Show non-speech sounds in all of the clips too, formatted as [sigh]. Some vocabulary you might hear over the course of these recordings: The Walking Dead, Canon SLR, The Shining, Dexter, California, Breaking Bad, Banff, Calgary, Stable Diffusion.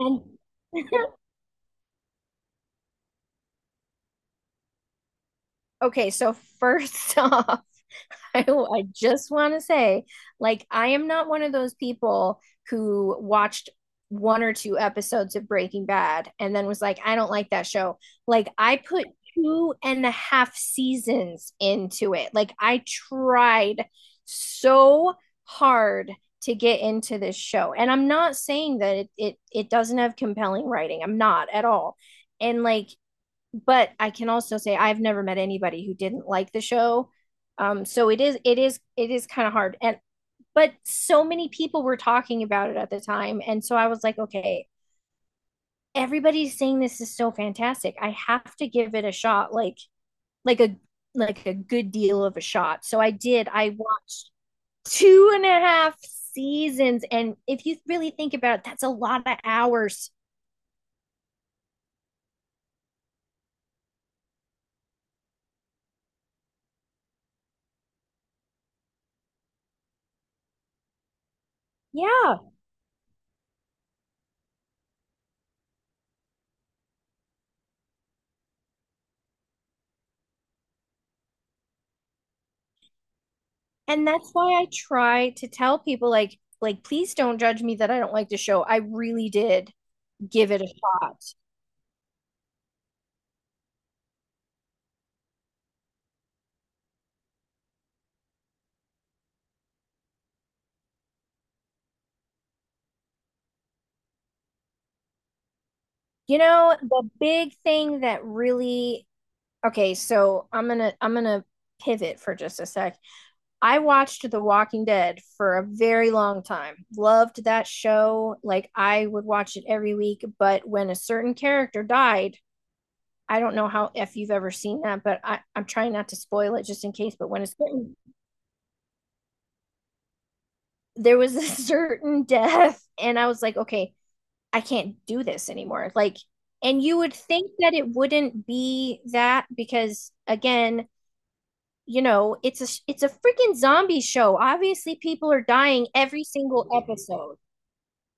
And [laughs] Okay, so first [laughs] off, I just want to say, like, I am not one of those people who watched one or two episodes of Breaking Bad and then was like, I don't like that show. Like, I put two and a half seasons into it. Like, I tried so hard to get into this show. And I'm not saying that it doesn't have compelling writing. I'm not at all. And like but I can also say I've never met anybody who didn't like the show. So it is kind of hard. And but so many people were talking about it at the time. And so I was like, okay, everybody's saying this is so fantastic. I have to give it a shot, like a like a good deal of a shot. So I did. I watched two and a half seasons. And if you really think about it, that's a lot of hours. Yeah. And that's why I try to tell people like please don't judge me that I don't like the show. I really did give it a shot. You know, the big thing that really Okay, so I'm going to pivot for just a sec. I watched The Walking Dead for a very long time. Loved that show. Like I would watch it every week, but when a certain character died, I don't know how if you've ever seen that, but I'm trying not to spoil it just in case. But when a certain There was [laughs] a certain death and I was like, okay, I can't do this anymore. Like, and you would think that it wouldn't be that, because again, you know, it's a freaking zombie show. Obviously people are dying every single episode,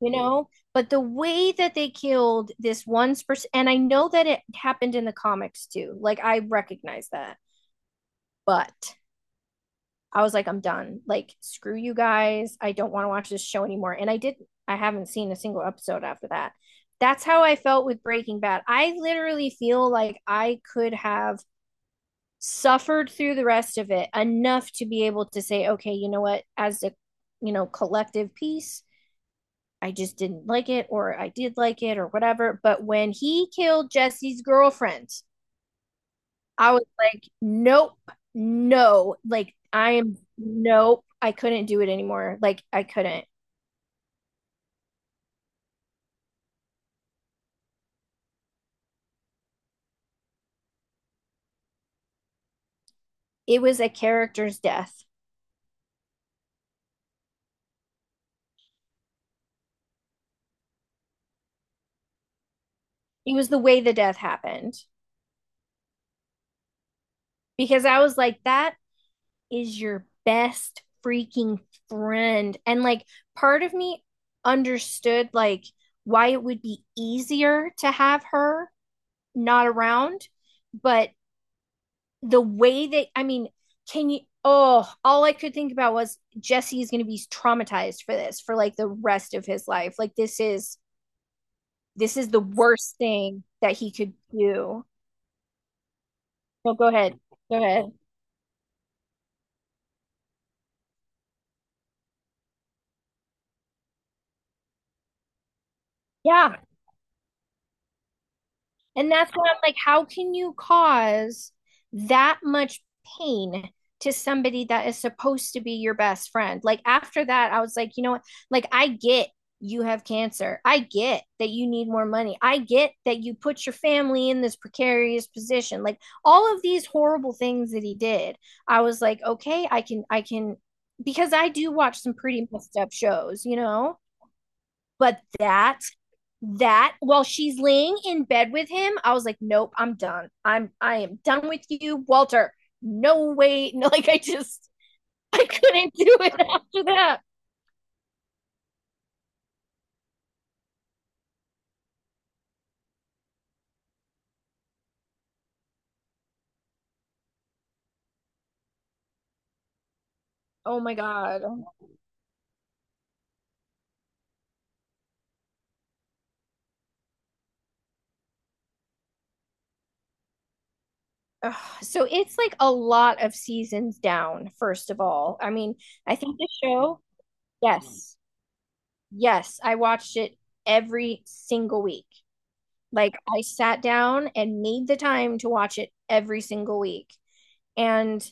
you know. But the way that they killed this one person, and I know that it happened in the comics too, like I recognize that, but I was like, I'm done. Like, screw you guys. I don't want to watch this show anymore. And I didn't. I haven't seen a single episode after that. That's how I felt with Breaking Bad. I literally feel like I could have suffered through the rest of it enough to be able to say, okay, you know what, as a collective piece, I just didn't like it, or I did like it, or whatever. But when he killed Jesse's girlfriend, I was like, nope, no. Like, I am, nope. I couldn't do it anymore. Like, I couldn't. It was a character's death. It was the way the death happened, because I was like, that is your best freaking friend. And like, part of me understood, like, why it would be easier to have her not around, but the way that, I mean, can you? Oh, all I could think about was Jesse is going to be traumatized for this for like the rest of his life. Like this is the worst thing that he could do. No, go ahead. Go ahead. Yeah. And that's why I'm like, how can you cause that much pain to somebody that is supposed to be your best friend? Like, after that, I was like, you know what? Like, I get you have cancer. I get that you need more money. I get that you put your family in this precarious position. Like, all of these horrible things that he did, I was like, okay, I can, because I do watch some pretty messed up shows, you know? But that that while she's laying in bed with him, I was like, nope, I'm done. I am done with you, Walter. No way. [laughs] No, like I just I couldn't do it [laughs] after that. Oh my God. Ugh. So it's like a lot of seasons down, first of all. I mean, I think the show, yes, yes, I watched it every single week. Like I sat down and made the time to watch it every single week. And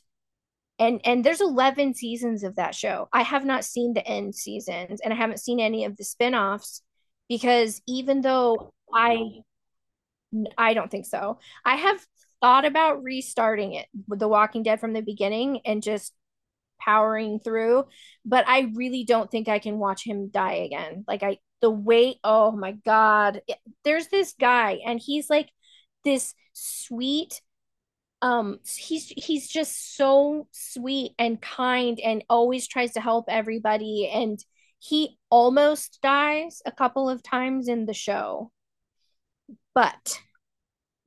there's 11 seasons of that show. I have not seen the end seasons, and I haven't seen any of the spinoffs, because even though I don't think so. I have thought about restarting it with The Walking Dead from the beginning and just powering through, but I really don't think I can watch him die again. Like, I the weight, oh my God, there's this guy and he's like this sweet, he's just so sweet and kind and always tries to help everybody, and he almost dies a couple of times in the show, but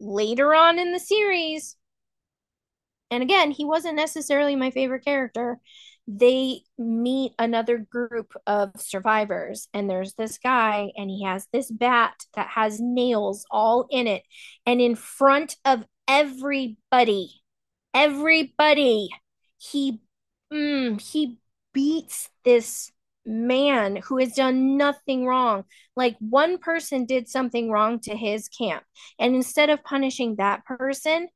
later on in the series, and again, he wasn't necessarily my favorite character. They meet another group of survivors, and there's this guy, and he has this bat that has nails all in it. And in front of everybody, everybody, he he beats this man who has done nothing wrong. Like one person did something wrong to his camp, and instead of punishing that person,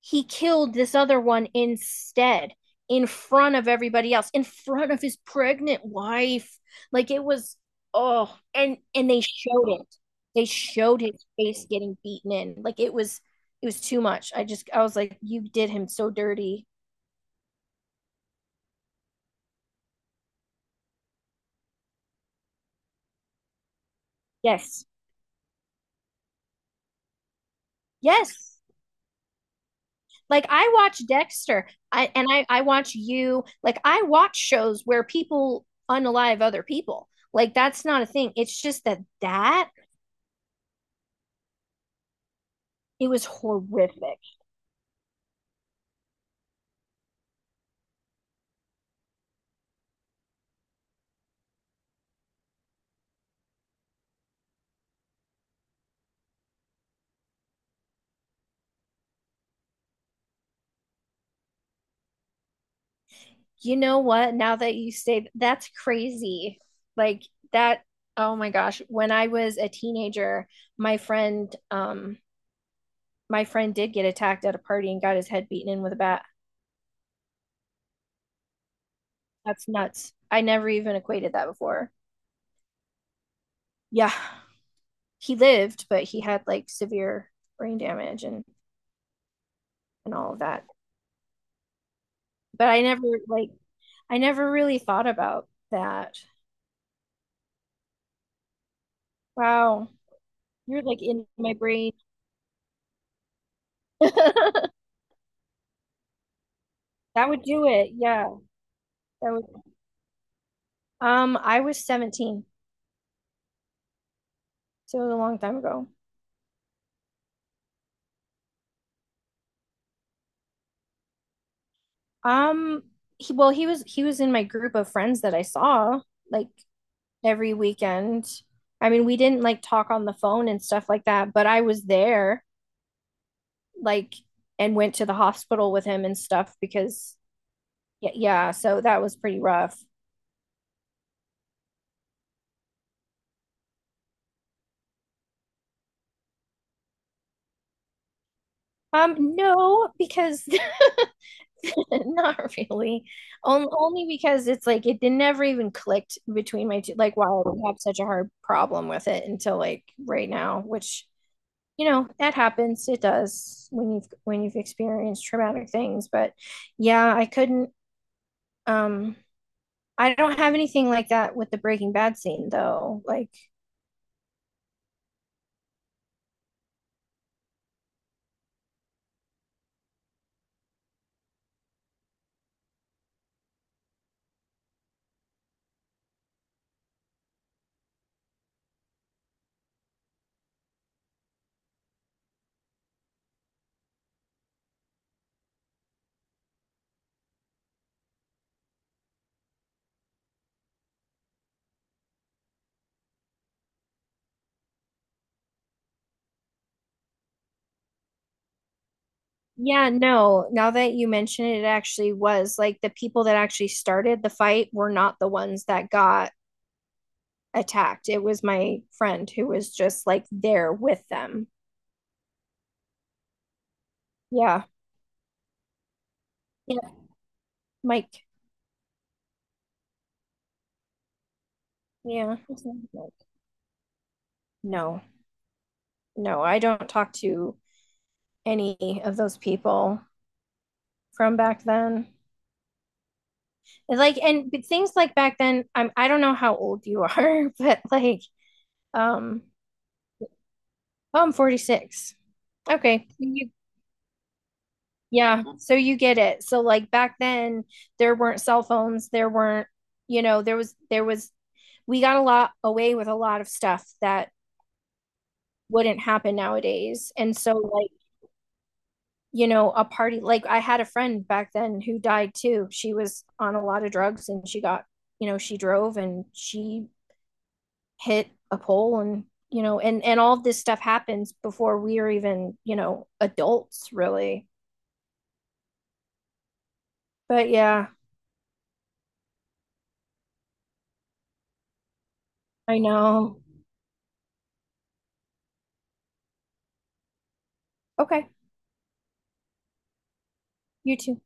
he killed this other one instead, in front of everybody else, in front of his pregnant wife. Like, it was, oh, and they showed it, they showed his face getting beaten in. Like, it was, it was too much. I just, I was like, you did him so dirty. Yes, yes, like I watch Dexter, I watch, you like I watch shows where people unalive other people. Like, that's not a thing. It's just that it was horrific. You know what? Now that you say that's crazy. Like that, oh my gosh. When I was a teenager, my friend, um, my friend did get attacked at a party and got his head beaten in with a bat. That's nuts. I never even equated that before. Yeah. He lived, but he had like severe brain damage and all of that. But I never, like I never really thought about that. Wow. You're like in my brain. [laughs] That would do it. Yeah. That would I was 17, so it was a long time ago. Um, he, well, he was in my group of friends that I saw like every weekend. I mean, we didn't like talk on the phone and stuff like that, but I was there like and went to the hospital with him and stuff, because yeah, yeah, so that was pretty rough. No, because [laughs] [laughs] not really. Only because it's like it didn't ever even clicked between my two, like why I have such a hard problem with it until like right now, which, you know, that happens. It does when you've experienced traumatic things. But yeah, I couldn't um I don't have anything like that with the Breaking Bad scene though. Like, yeah, no, now that you mention it, it actually was like the people that actually started the fight were not the ones that got attacked. It was my friend who was just like there with them. Yeah. Yeah. Mike. Yeah. No, no, I don't talk to any of those people from back then. Like, and things like back then, I'm, I don't know how old you [laughs] are, but like, um, oh, I'm 46. Okay. So you, yeah. So you get it. So like back then, there weren't cell phones. There weren't, you know, there was, we got a lot away with a lot of stuff that wouldn't happen nowadays. And so, like, you know, a party, like, I had a friend back then who died too. She was on a lot of drugs and she got, you know, she drove and she hit a pole and, you know, and all this stuff happens before we are even, you know, adults really. But yeah, I know. Okay. You too.